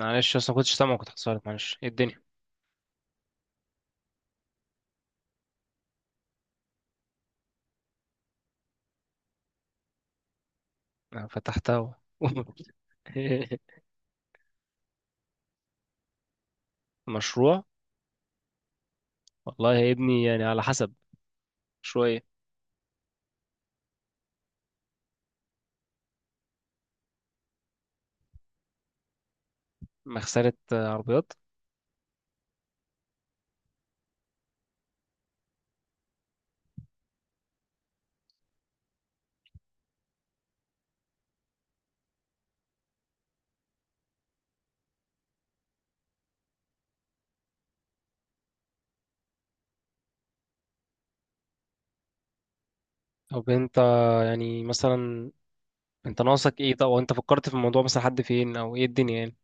معلش، اصلا ما كنتش سامع، كنت حصلت، معلش. ايه الدنيا؟ أنا فتحتها. مشروع! والله يا ابني يعني على حسب. شوية. مغسلة، آه، عربيات. طب انت، يعني مثلا انت ناقصك ايه؟ طب وانت فكرت في الموضوع، مثلا حد فين او ايه الدنيا يعني؟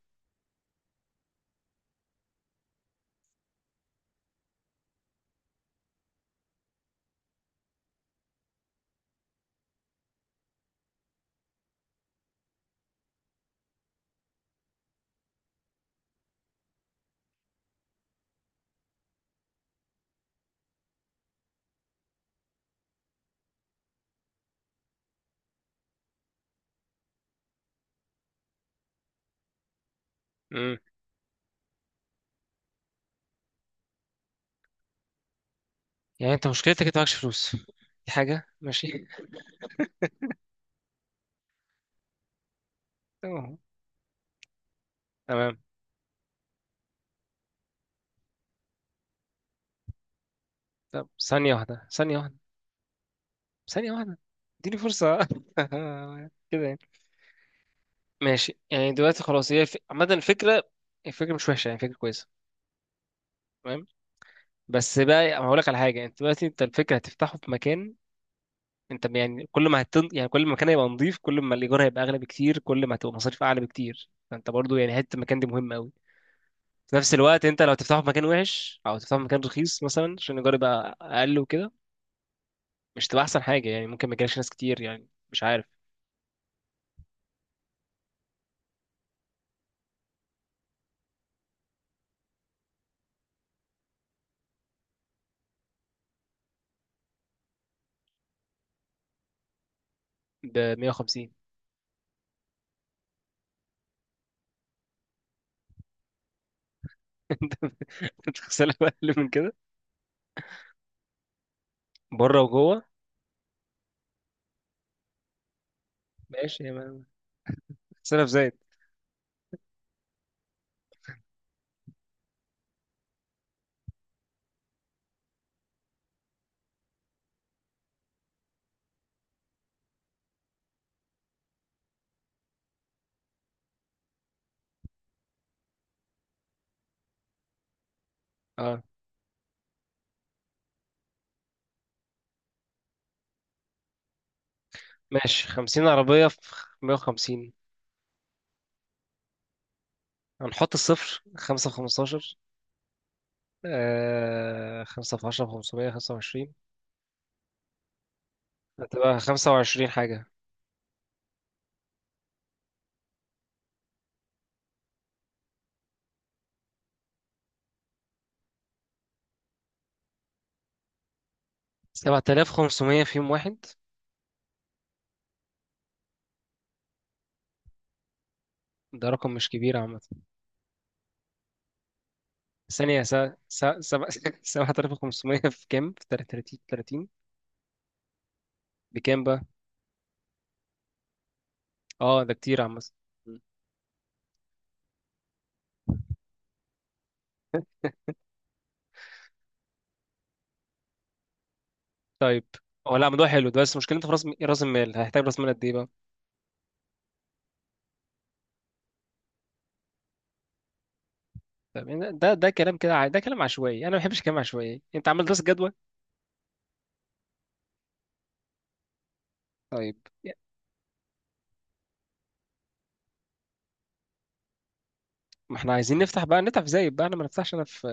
امم يعني انت مشكلتك انت معكش فلوس، دي حاجة ماشي. أهو. تمام. طب، ثانية واحدة، ثانية واحدة، ثانية واحدة، اديني فرصة كده يعني. ماشي. يعني دلوقتي خلاص، هي عامة الفكرة، الفكرة مش وحشة يعني، فكرة كويسة. تمام. بس بقى هقول لك على حاجه. انت دلوقتي الفكره هتفتحه في مكان. انت يعني كل ما يعني كل ما المكان هيبقى نظيف، كل ما الايجار هيبقى اغلى بكتير، كل ما هتبقى مصاريف اعلى بكتير، فانت برضو يعني حته المكان دي مهمه قوي. في نفس الوقت، انت لو تفتحه في مكان وحش، او تفتحه في مكان رخيص مثلا عشان الايجار يبقى اقل وكده، مش تبقى احسن حاجه يعني. ممكن ما يجيلكش ناس كتير يعني، مش عارف. ب 150. تغسلها اقل من كده، بره وجوه. ماشي، هي ما- تغسلها في زيت. اه، ماشي. 50 عربيه في 150، هنحط الصفر. خمسة في خمستاشر. آه، خمسة في عشرة في 500، 25. هتبقى 25 حاجة. سبعة آلاف خمسمية في يوم واحد. ده رقم مش كبير عامة. ثانية س- سبعة، سبعة آلاف خمسمية في كام؟ في تلاتين، تلاتين. بكام بقى؟ اه ده كتير عامة. م. طيب. هو لا موضوع حلو ده، بس مشكلته في راس المال، هيحتاج راس مال قد ايه بقى؟ طيب يعني ده كلام كده، ده كلام عشوائي. انا ما بحبش الكلام العشوائي. انت عملت دراسة جدوى؟ طيب، ما احنا عايزين نفتح بقى، نفتح في زايد بقى. انا ما نفتحش انا في.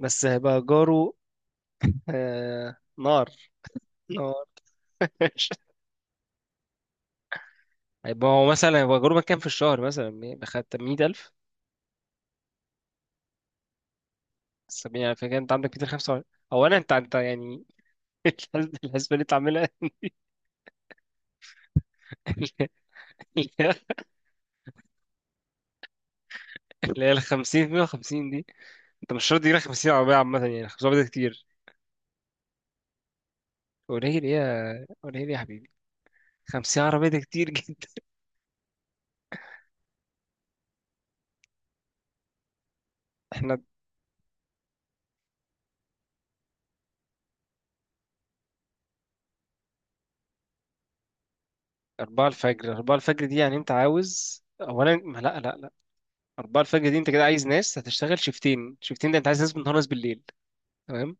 بس هيبقى جاره. آه، نار، نار. هيبقى هو مثلا هيبقى جاره كام في الشهر؟ مثلا بخد 100000. 70 ألف، كده أنت عندك 205. أولا أنت، يعني الحسبة اللي أنت عاملها. اللي هي ال 50، 150 دي، أنت مش شرط تجيب 50 عربية عامة يعني، 50 عربية ده كتير. قليل إيه يا قليل إيه يا حبيبي؟ 50 عربية ده كتير جدا. إحنا، 4 الفجر، 4 الفجر دي يعني أنت عاوز، أولا ما لا لا أربعة الفجر دي، أنت كده عايز ناس هتشتغل شيفتين. شيفتين ده أنت عايز ناس بالنهار، ناس بالليل. تمام.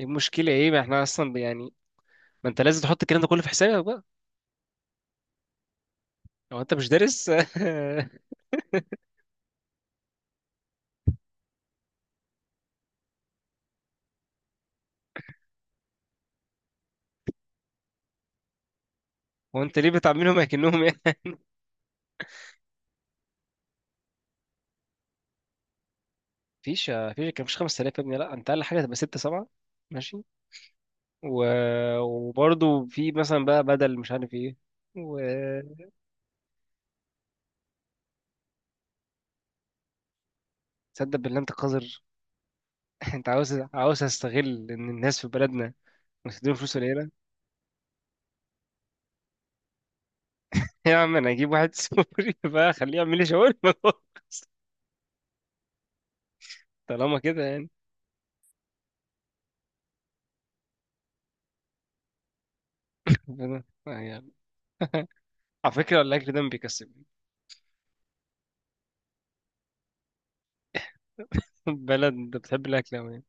إيه المشكلة إيه؟ ما إحنا أصلا يعني ما أنت لازم تحط الكلام ده كله في حسابك بقى. لو أنت مش دارس. هو أنت ليه بتعاملهم أكنهم يعني؟ مفيش كان مفيش 5000 يا ابني، لا، أنت أقل حاجة هتبقى ستة سبعة. ماشي. و... وبرضه في مثلا بقى، بدل مش عارف إيه، وتصدق. بالله أنت قذر! أنت عاوز أستغل إن الناس في بلدنا مستدين فلوس قليلة. يا عم أنا أجيب واحد، سوري بقى، أخليه يعمل لي شاورما. طالما كده يعني. بلد يعني. على فكرة الأكل ده ما بيكسبني. بلد، أنت بتحب الأكل أوي يعني.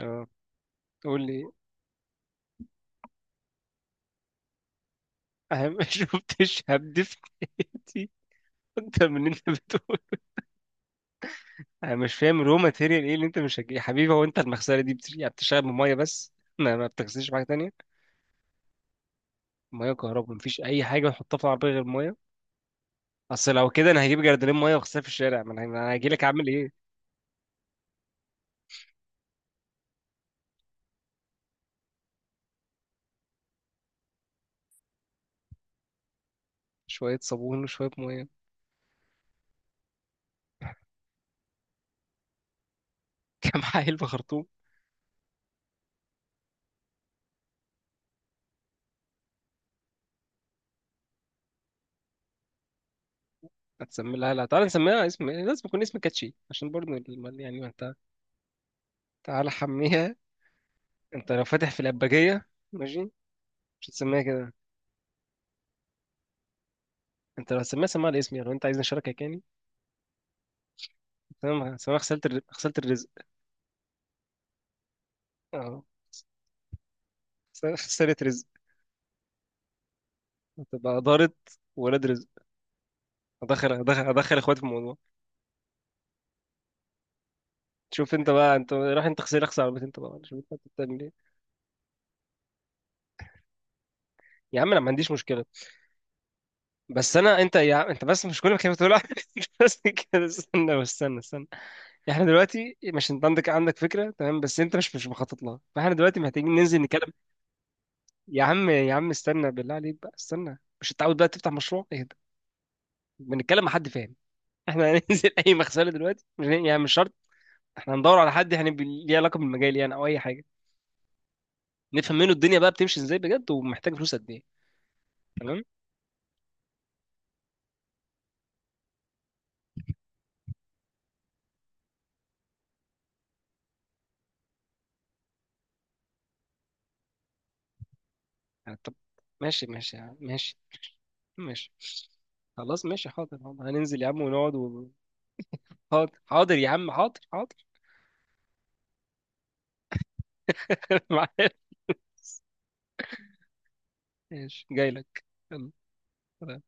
أه قول لي. أنا ما شفتش هبد في حياتي أكتر من اللي أنت بتقول. أنا مش فاهم، رو ماتيريال إيه اللي أنت مش هتجيب يا حبيبي؟ هو أنت المغسلة دي يعني بتشتغل بمية بس، ما بتغسلش بحاجة تانية. مية وكهرباء. مفيش أي حاجة بتحطها في العربية غير مية. أصل لو كده أنا هجيب جردلين مية وأغسلها في الشارع. ما أنا، هجيلك أعمل إيه. شوية صابون وشوية مية. كام حايل بخرطوم. هتسمي لها؟ لا تعالى نسميها اسم، لازم يكون اسم كاتشي عشان برضه يعني انت. تعالى حميها. انت لو فاتح في الأباجية، ماشي. مش هتسميها كده، انت لو هتسميها سميها على اسمي لو انت عايزني اشاركك يعني. تمام، سميها غسالة الرزق. اه. غسالة رزق. هتبقى دارت ولاد رزق. هدخل اخواتي في الموضوع. شوف انت بقى، انت راح انت، غسيل، اغسل عربيتي انت بقى. شوف انت بتعمل ايه. يا عم انا ما عنديش مشكله. بس انا، انت يا عم انت، بس مش كل ما كلمه تقول انت. بس كده، استنى استنى استنى. احنا دلوقتي، مش انت عندك فكره؟ تمام، بس انت مش مخطط لها. فاحنا دلوقتي محتاجين ننزل نتكلم. يا عم يا عم استنى بالله عليك بقى، استنى. مش انت عاوز بقى تفتح مشروع؟ اهدى، بنتكلم مع حد فاهم. احنا هننزل اي مغسله دلوقتي، مش يعني مش شرط. احنا هندور على حد يعني ليه علاقه بالمجال يعني، او اي حاجه. نفهم منه الدنيا بقى بتمشي ازاي بجد، ومحتاج فلوس قد ايه. تمام. يعني طب، ماشي ماشي يا عم، ماشي. ماشي، خلاص ماشي، حاضر حاضر هننزل يا عم ونقعد و... حاضر حاضر يا عم حاضر حاضر. معايا. ماشي، جاي لك. يلا، سلام.